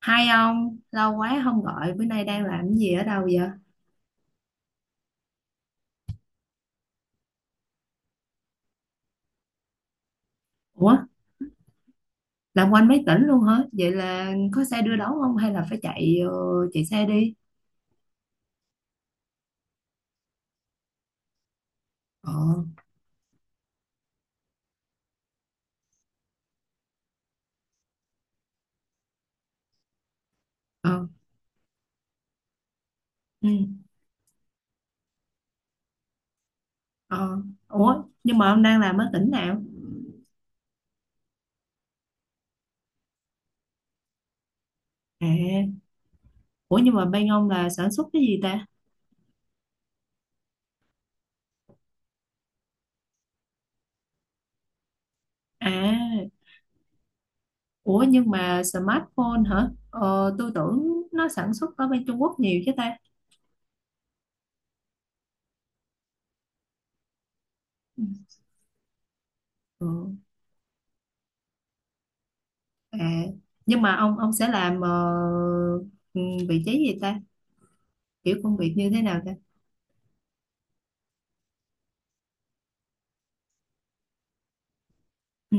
Hai ông, lâu quá không gọi, bữa nay đang làm cái gì ở đâu vậy? Ủa, làm quanh mấy tỉnh luôn hả? Vậy là có xe đưa đón không hay là phải chạy xe đi? Ờ, ờ, ừ, ờ. Ủa, nhưng mà ông đang làm ở tỉnh nào? À, ủa nhưng mà bên ông là sản xuất cái gì ta? À, ủa nhưng mà smartphone hả? Ờ, tôi tưởng nó sản xuất ở bên Trung Quốc nhiều chứ ta. Ừ. À, nhưng mà ông sẽ làm ừ, vị trí gì ta? Kiểu công việc như thế nào ta? Ừ,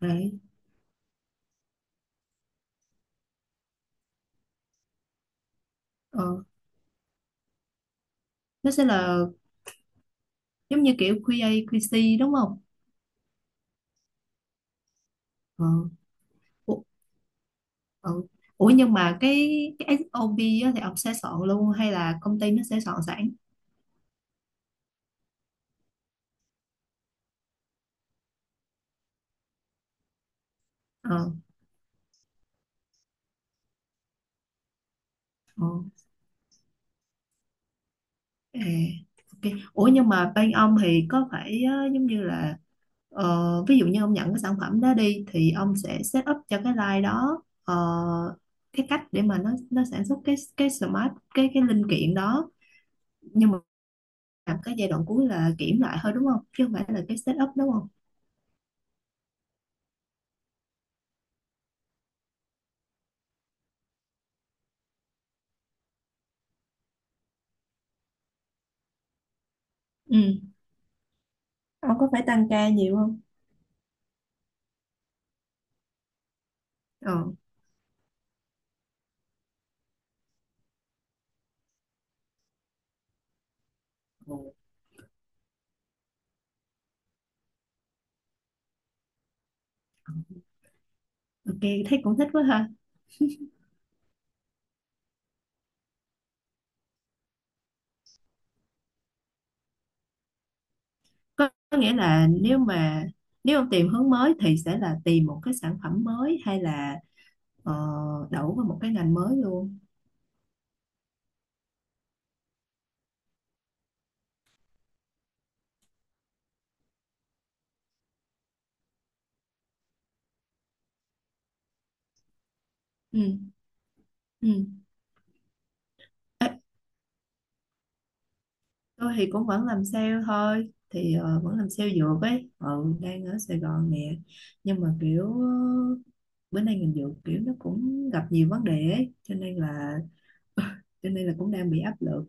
đấy. Ờ, nó sẽ là giống như kiểu QA, QC đúng không? Ờ, ủa, ờ. Ủa nhưng mà cái SOP á, thì ông sẽ soạn luôn hay là công ty nó sẽ soạn sẵn? Ờ, ờ, à, ok. Ủa nhưng mà bên ông thì có phải giống như là ví dụ như ông nhận cái sản phẩm đó đi thì ông sẽ set up cho cái line đó, cái cách để mà nó sản xuất cái smart cái linh kiện đó, nhưng làm cái giai đoạn cuối là kiểm lại thôi đúng không, chứ không phải là cái setup đúng không? Ừ, ông có phải tăng ca nhiều không? Ờ, ok. Thấy cũng thích quá ha. Có nghĩa là nếu mà ông tìm hướng mới thì sẽ là tìm một cái sản phẩm mới hay là ờ, đậu vào một cái ngành mới luôn? Ừ, ừ. Ê, tôi thì cũng vẫn làm sale thôi thì vẫn làm sale dược ấy, ừ, đang ở Sài Gòn nè. Nhưng mà kiểu bữa nay ngành dược kiểu nó cũng gặp nhiều vấn đề ấy, cho nên là cũng đang bị áp lực.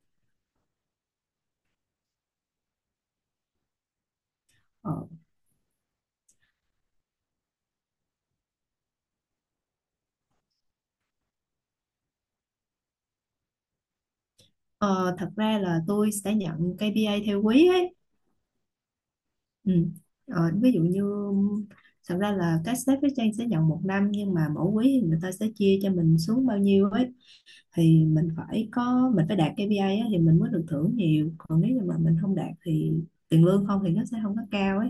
ờ, Ờ, Thật ra là tôi sẽ nhận KPI theo quý ấy, ừ. Ờ, ví dụ như thật ra là các sếp với Trang sẽ nhận một năm nhưng mà mỗi quý thì người ta sẽ chia cho mình xuống bao nhiêu ấy, thì mình phải đạt KPI ấy, thì mình mới được thưởng nhiều, còn nếu như mà mình không đạt thì tiền lương không thì nó sẽ không có cao ấy.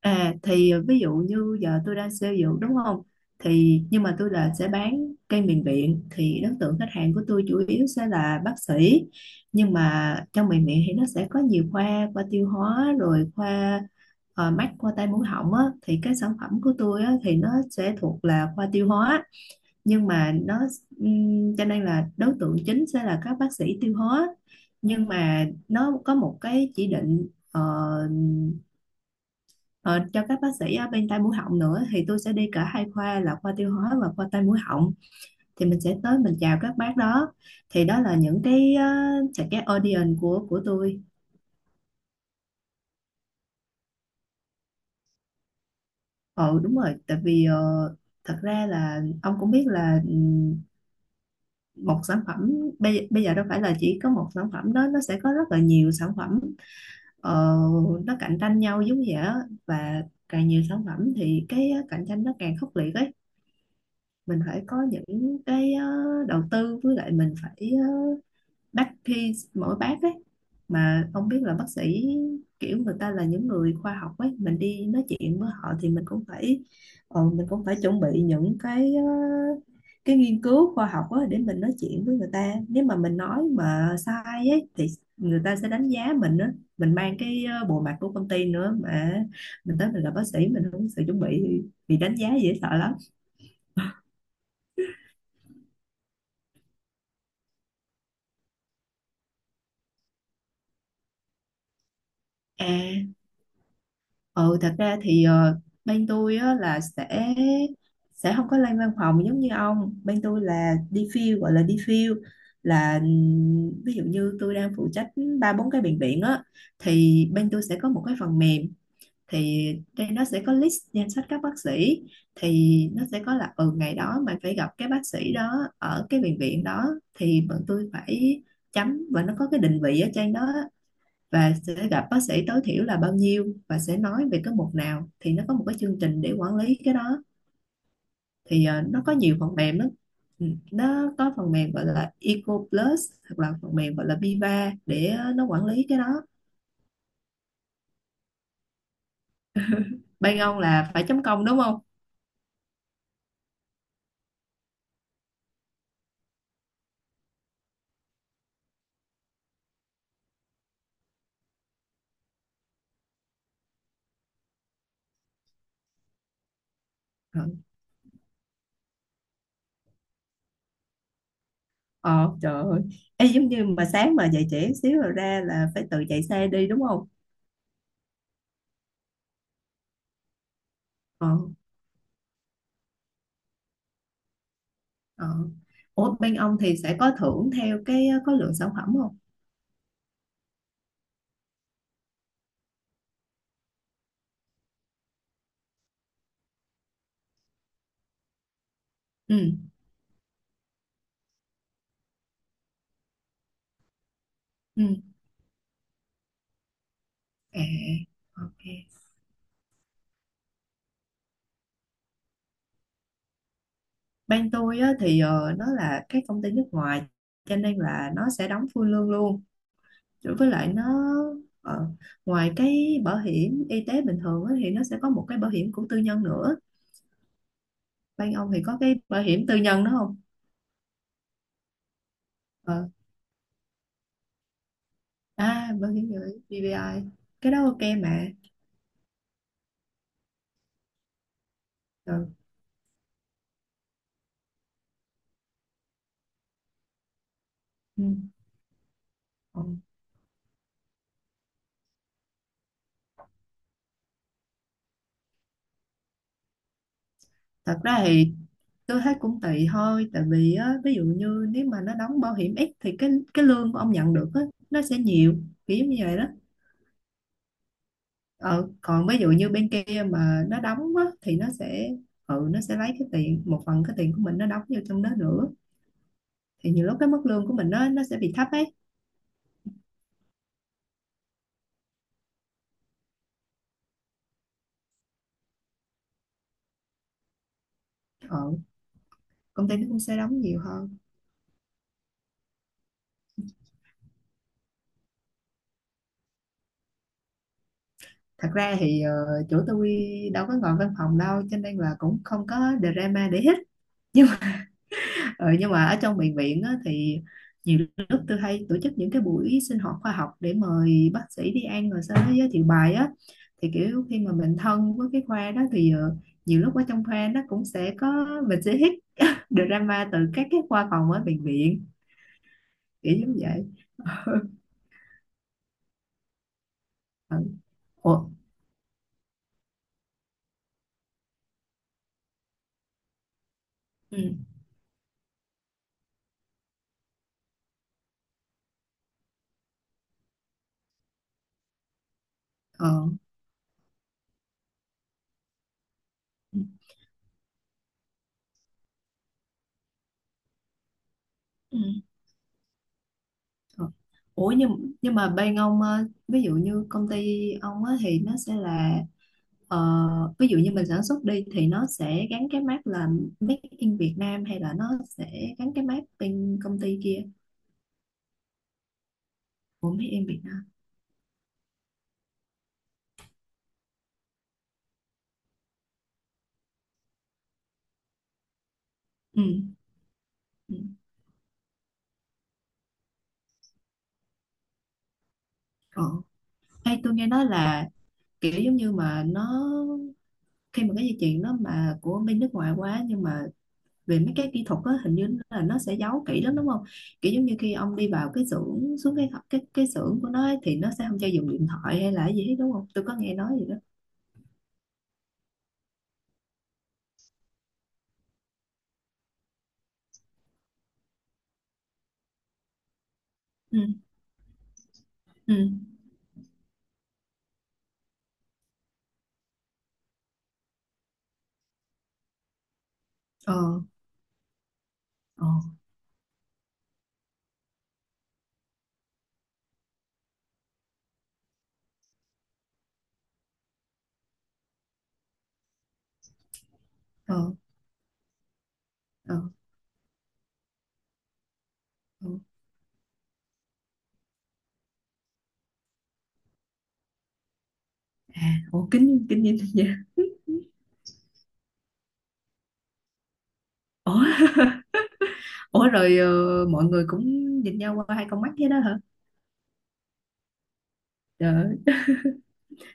À thì ví dụ như giờ tôi đang xây dược đúng không? Thì nhưng mà tôi là sẽ bán cây miền viện thì đối tượng khách hàng của tôi chủ yếu sẽ là bác sĩ. Nhưng mà trong miền viện thì nó sẽ có nhiều khoa, khoa tiêu hóa rồi khoa mắt, khoa tai mũi họng á thì cái sản phẩm của tôi á thì nó sẽ thuộc là khoa tiêu hóa. Nhưng mà nó cho nên là đối tượng chính sẽ là các bác sĩ tiêu hóa. Nhưng mà nó có một cái chỉ định Ờ, cho các bác sĩ ở bên tai mũi họng nữa thì tôi sẽ đi cả hai khoa là khoa tiêu hóa và khoa tai mũi họng, thì mình sẽ tới mình chào các bác đó, thì đó là những cái sẽ cái audience của tôi. Ờ, đúng rồi tại vì thật ra là ông cũng biết là một sản phẩm, bây giờ đâu phải là chỉ có một sản phẩm đó, nó sẽ có rất là nhiều sản phẩm, ờ, nó cạnh tranh nhau giống vậy á. Và càng nhiều sản phẩm thì cái cạnh tranh nó càng khốc liệt ấy. Mình phải có những cái đầu tư, với lại mình phải bác khi mỗi bác ấy mà không biết là bác sĩ, kiểu người ta là những người khoa học ấy, mình đi nói chuyện với họ thì mình cũng phải chuẩn bị những cái cái nghiên cứu khoa học á để mình nói chuyện với người ta, nếu mà mình nói mà sai ấy thì người ta sẽ đánh giá mình á, mình mang cái bộ mặt của công ty nữa mà, mình tới mình là bác sĩ mình không có sự chuẩn bị thì bị đánh giá dễ sợ lắm. À. Ừ, thật ra thì bên tôi á, là sẽ không có lên văn phòng giống như ông. Bên tôi là đi field gọi là đi field, là ví dụ như tôi đang phụ trách ba bốn cái bệnh viện á, thì bên tôi sẽ có một cái phần mềm, thì đây nó sẽ có list danh sách các bác sĩ, thì nó sẽ có là, ừ, ngày đó mày phải gặp cái bác sĩ đó ở cái bệnh viện đó, thì bọn tôi phải chấm và nó có cái định vị ở trên đó, và sẽ gặp bác sĩ tối thiểu là bao nhiêu và sẽ nói về cái mục nào thì nó có một cái chương trình để quản lý cái đó, thì nó có nhiều phần mềm lắm. Ừ, nó có phần mềm gọi là Eco Plus, hoặc là phần mềm gọi là Viva để nó quản lý cái đó. Bay ông là phải chấm công đúng không? Ờ, ờ, trời ơi. Ê, giống như mà sáng mà dậy trễ xíu rồi ra là phải tự chạy xe đi đúng không? Ờ, ờ. Ủa bên ông thì sẽ có thưởng theo cái có lượng sản phẩm không? Ừ, ừ, à, ok. Bên tôi á, thì nó là cái công ty nước ngoài, cho nên là nó sẽ đóng full lương luôn. Rồi với lại nó ờ, ngoài cái bảo hiểm y tế bình thường á, thì nó sẽ có một cái bảo hiểm của tư nhân nữa. Bên ông thì có cái bảo hiểm tư nhân đó không? Ờ, à, bảo hiểm BBI, cái đó ok mà. Ờ, ừ. Ờ, thật ra thì tôi thấy cũng tùy thôi tại vì á, ví dụ như nếu mà nó đóng bảo hiểm ít thì cái lương của ông nhận được á, nó sẽ nhiều kiểu như vậy đó. Ờ, còn ví dụ như bên kia mà nó đóng á, thì nó sẽ lấy cái tiền, một phần cái tiền của mình nó đóng vô trong đó nữa, thì nhiều lúc cái mức lương của mình nó sẽ bị thấp ấy. ờ, Công ty nó cũng sẽ đóng nhiều hơn. Thật ra thì chỗ tôi đâu có ngồi văn phòng đâu, cho nên là cũng không có drama để hết. Ờ, nhưng mà ở trong bệnh viện á, thì nhiều lúc tôi hay tổ chức những cái buổi sinh hoạt khoa học để mời bác sĩ đi ăn rồi sau đó giới thiệu bài á, thì kiểu khi mà mình thân với cái khoa đó thì nhiều lúc ở trong khoa nó cũng sẽ có, mình sẽ hít drama từ các cái khoa phòng ở bệnh viện, kiểu giống vậy. Ừ. Ủa? Ừ. Ờ. Ừ. Ờ. Ủa nhưng mà bên ông ví dụ như công ty ông á thì nó sẽ là, ờ, ví dụ như mình sản xuất đi thì nó sẽ gắn cái mác là Made in Việt Nam hay là nó sẽ gắn cái mác bên công ty kia của Made in Việt Nam. Ừ. Ừ. Ờ. Hay tôi nghe nói là kiểu giống như mà nó, khi mà cái dây chuyền nó mà của bên nước ngoài quá nhưng mà về mấy cái kỹ thuật á hình như là nó sẽ giấu kỹ lắm đúng không, kiểu giống như khi ông đi vào cái xưởng, xuống cái xưởng của nó ấy, thì nó sẽ không cho dùng điện thoại hay là cái gì hết đúng không, tôi có nghe nói gì đó. Ừ. Ừ. Ờ, ờ, ờ, ờ, ờ. À, ủa kính kính nhìn vậy. Ủa, ủa rồi mọi người cũng nhìn nhau qua hai con mắt thế đó hả? Trời ơi.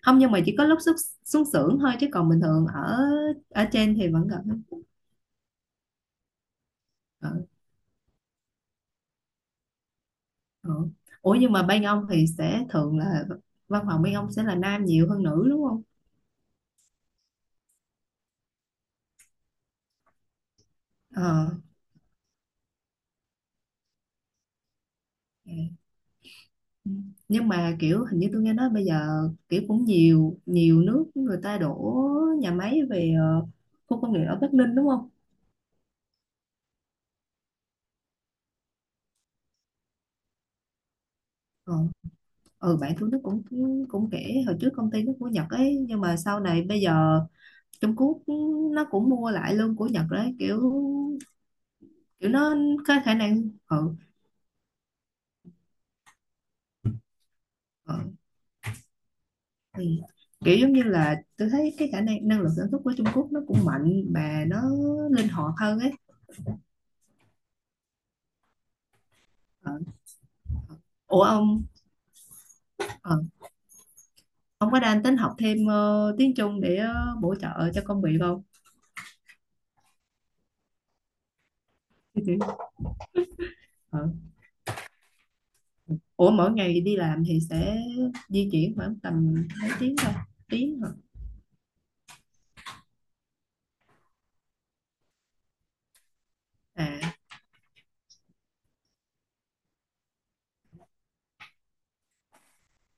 Không, nhưng mà chỉ có lúc xuống xưởng thôi chứ còn bình thường ở ở trên thì vẫn gặp. Ờ, ờ. Ủa nhưng mà bên ông thì sẽ thường là văn phòng bên ông sẽ là nam nhiều hơn nữ đúng không? Ờ. Dạ. Ừ. Nhưng mà kiểu hình như tôi nghe nói bây giờ kiểu cũng nhiều nhiều nước người ta đổ nhà máy về khu công nghiệp ở Bắc Ninh đúng không? Ờ. Ừ, bạn Thu Đức cũng cũng kể hồi trước công ty nó của Nhật ấy, nhưng mà sau này bây giờ Trung Quốc nó cũng mua lại luôn của Nhật đấy, kiểu kiểu nó có khả năng, ừ, thì kiểu giống như là tôi thấy cái khả năng năng lực sản xuất của Trung Quốc nó cũng mạnh mà nó linh hoạt hơn ấy. Ừ. Ủa ông. Ừ. Ông có đang tính học thêm tiếng Trung để bổ trợ cho công việc không? Ừ. Ủa mỗi ngày đi làm thì sẽ di chuyển khoảng tầm mấy tiếng thôi? Tiếng hả? À.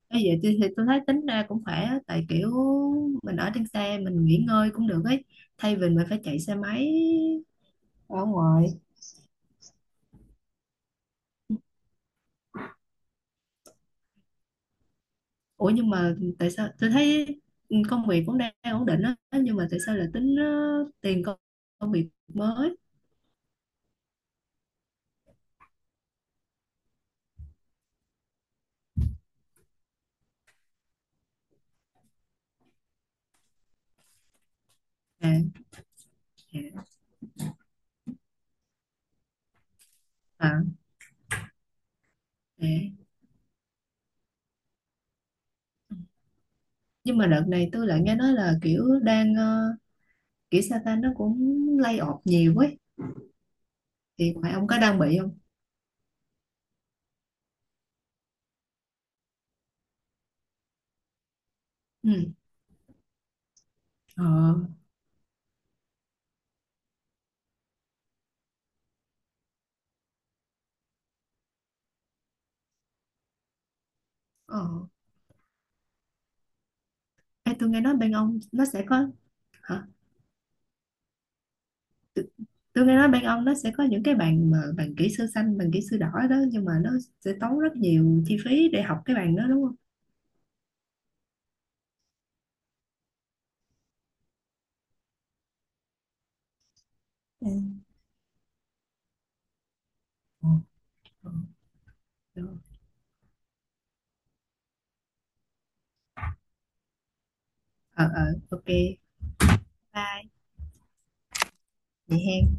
Ê, vậy thì tôi thấy tính ra cũng khỏe á, tại kiểu mình ở trên xe mình nghỉ ngơi cũng được ấy, thay vì mình phải chạy xe máy ở ngoài. Ủa nhưng mà tại sao tôi thấy công việc cũng đang ổn định á nhưng mà tại sao lại tính tiền công, công việc mới? À, à, à, à. Nhưng mà đợt này tôi lại nghe nói là kiểu đang kiểu Satan nó cũng lay off nhiều ấy thì phải, ông có đang bị không? Ừ. Ờ. Ờ. Ê, tôi nghe nói bên ông nó sẽ có hả? t- tôi nghe nói bên ông nó sẽ có những cái bàn mà bàn kỹ sư xanh bàn kỹ sư đỏ đó, nhưng mà nó sẽ tốn rất nhiều chi phí để học cái bàn đó đúng không? Ừ. Ờ, ờ, ờ, ờ, ok, bye vậy ha.